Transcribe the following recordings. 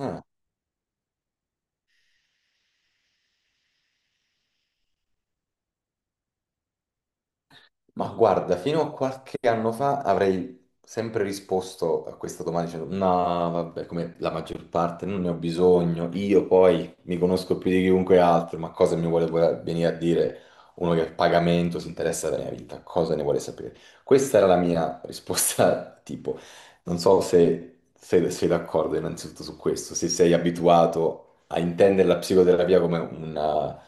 Ah, ma guarda, fino a qualche anno fa avrei sempre risposto a questa domanda dicendo no, vabbè, come la maggior parte, non ne ho bisogno. Io poi mi conosco più di chiunque altro, ma cosa mi vuole venire a dire uno che a pagamento si interessa della mia vita, cosa ne vuole sapere? Questa era la mia risposta, tipo, non so se se sei d'accordo innanzitutto su questo, se sei abituato a intendere la psicoterapia come una...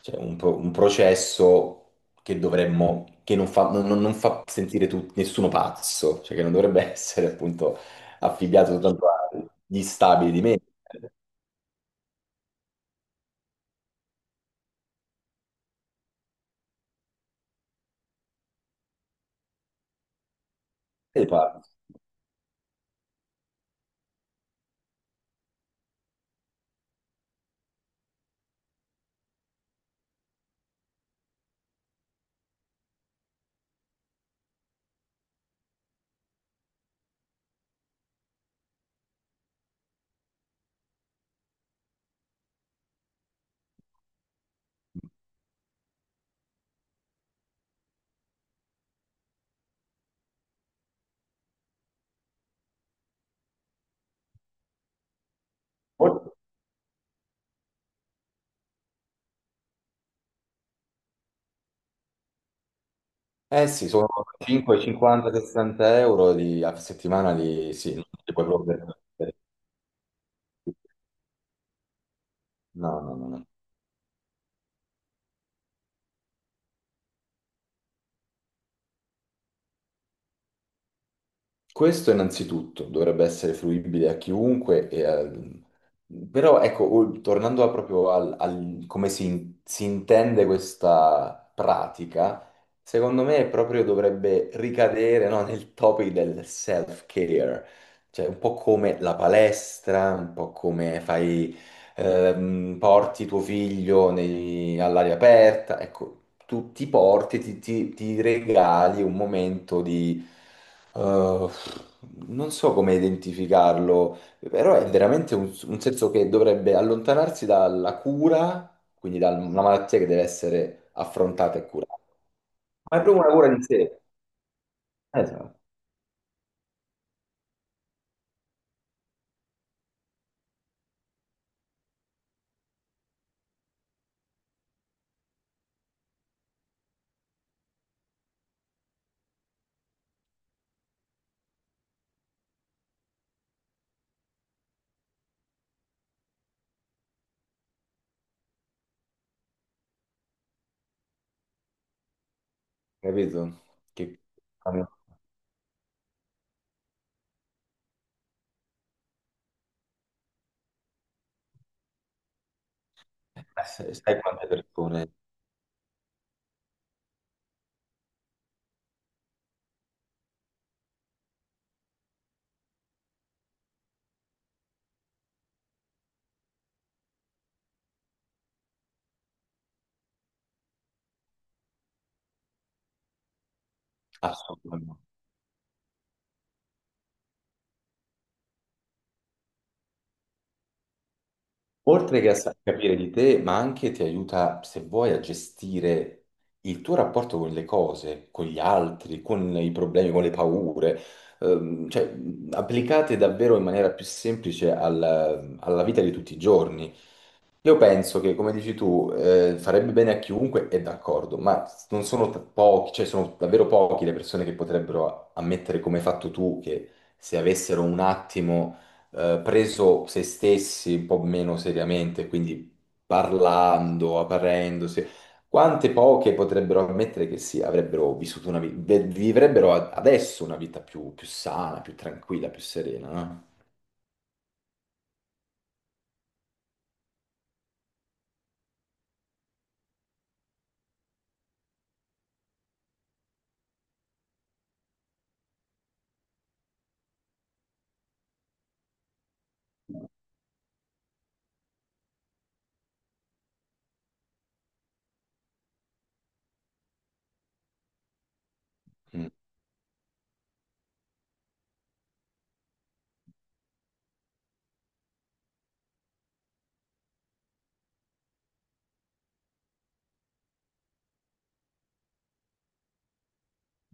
Cioè, un, un processo che dovremmo, che non fa, non fa sentire nessuno pazzo, cioè che non dovrebbe essere appunto affibbiato soltanto agli stabili di me. E pazzi. Eh sì, sono 5, 50, 60 € a settimana di... Sì, non li puoi proprio... perdere. No, no, no, no. Questo innanzitutto dovrebbe essere fruibile a chiunque, però ecco, tornando a proprio al, come si intende questa pratica, secondo me proprio dovrebbe ricadere, no, nel topic del self-care, cioè un po' come la palestra, un po' come fai porti tuo figlio all'aria aperta, ecco, tu ti porti, ti regali un momento di... eh, non so come identificarlo, però è veramente un senso che dovrebbe allontanarsi dalla cura, quindi da una malattia che deve essere affrontata e curata. Ma è proprio una cura di sé. Esatto, capito? Che... sai quante persone... Assolutamente. Oltre che a capire di te, ma anche ti aiuta, se vuoi, a gestire il tuo rapporto con le cose, con gli altri, con i problemi, con le paure, applicate davvero in maniera più semplice alla vita di tutti i giorni. Io penso che, come dici tu, farebbe bene a chiunque, è d'accordo, ma non sono pochi, cioè sono davvero pochi le persone che potrebbero ammettere come hai fatto tu, che se avessero un attimo preso se stessi un po' meno seriamente, quindi parlando, aprendosi, quante poche potrebbero ammettere che sì, avrebbero vissuto una vita, vivrebbero adesso una vita più, più sana, più tranquilla, più serena, no?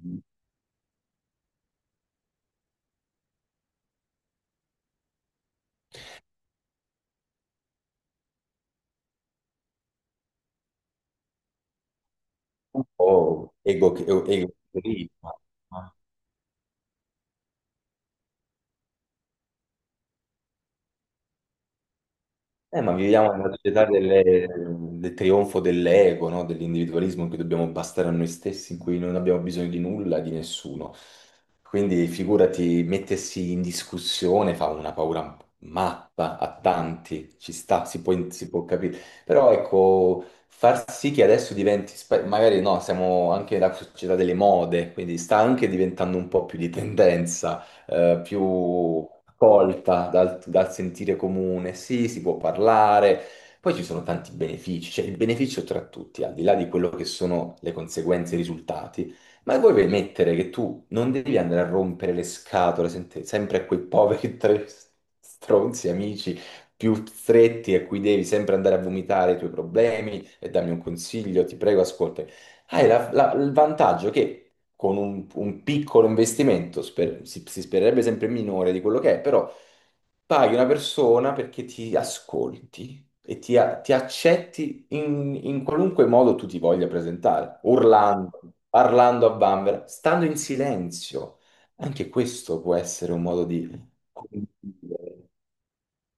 Mm. Un po' ego, egocentrismo. Ma viviamo in una società del trionfo dell'ego, no? Dell'individualismo in cui dobbiamo bastare a noi stessi, in cui non abbiamo bisogno di nulla, di nessuno. Quindi figurati, mettersi in discussione fa una paura matta a tanti, ci sta, si può capire. Però ecco, far sì che adesso diventi, magari no, siamo anche la società delle mode, quindi sta anche diventando un po' più di tendenza, più accolta dal, dal sentire comune, sì, si può parlare. Poi ci sono tanti benefici, cioè il beneficio tra tutti, al di là di quello che sono le conseguenze e i risultati, ma vuoi permettere che tu non devi andare a rompere le scatole sempre a quei poveri tre stronzi amici più stretti a cui devi sempre andare a vomitare i tuoi problemi e dammi un consiglio, ti prego, ascolta. Hai il vantaggio che con un piccolo investimento, si spererebbe sempre minore di quello che è, però paghi una persona perché ti ascolti e ti accetti in, in qualunque modo tu ti voglia presentare, urlando, parlando a bambera, stando in silenzio. Anche questo può essere un modo di comunicare,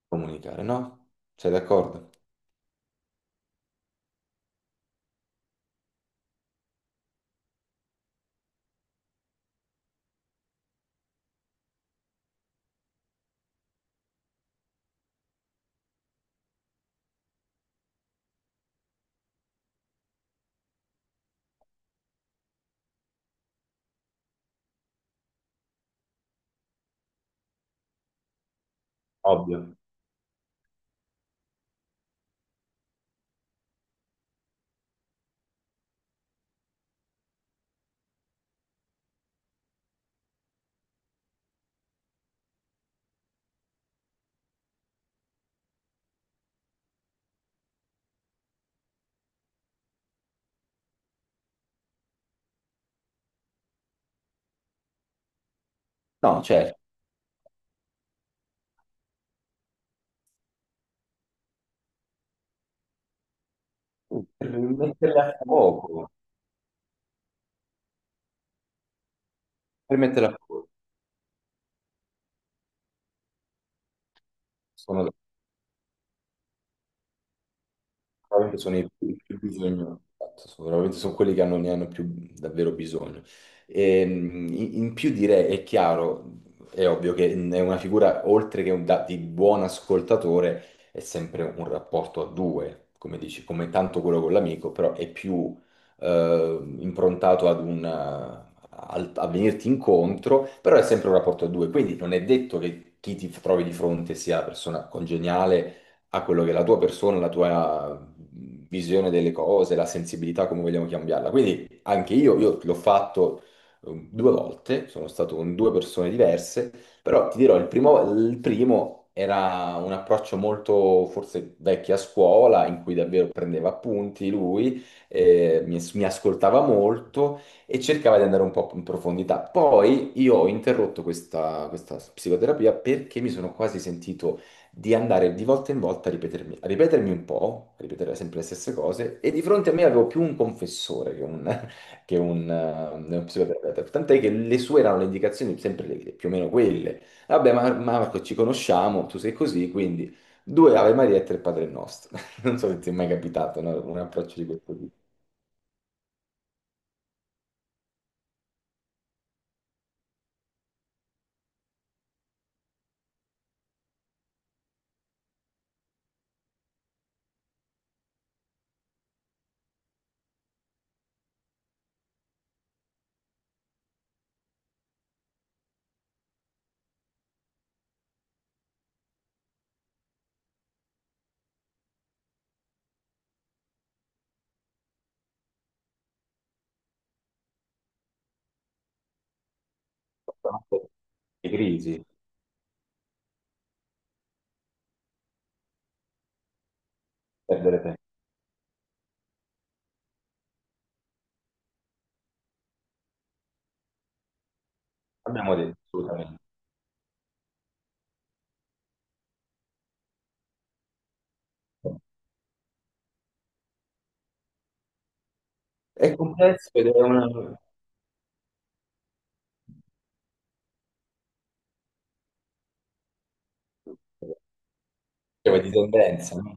comunicare, no? Sei d'accordo? Ovvio. No, certo, per metterla a fuoco, per metterla a fuoco. Sono, sicuramente sono i più bisogno, esatto, veramente sono quelli che hanno, ne hanno più davvero bisogno. E, in più direi, è chiaro, è ovvio che è una figura, oltre che di buon ascoltatore, è sempre un rapporto a due, come dici, come tanto quello con l'amico, però è più improntato ad un, a venirti incontro, però è sempre un rapporto a due, quindi non è detto che chi ti trovi di fronte sia una persona congeniale a quello che è la tua persona, la tua visione delle cose, la sensibilità, come vogliamo cambiarla. Quindi anche io l'ho fatto due volte, sono stato con due persone diverse, però ti dirò, il primo era un approccio molto forse vecchio a scuola, in cui davvero prendeva appunti lui, mi ascoltava molto e cercava di andare un po' in profondità. Poi io ho interrotto questa psicoterapia perché mi sono quasi sentito di andare di volta in volta a ripetermi, a ripetere sempre le stesse cose, e di fronte a me avevo più un confessore che un, che un, uno psicoterapeuta, tant'è che le sue erano le indicazioni sempre più o meno quelle. Vabbè, ma Marco, ci conosciamo, tu sei così, quindi due Ave Maria e tre Padre Nostro. Non so se ti è mai capitato, no, un approccio di questo tipo. Le crisi, perdere tempo. Abbiamo detto, assolutamente. È complesso ed è una... Cioè, di tendenza, no?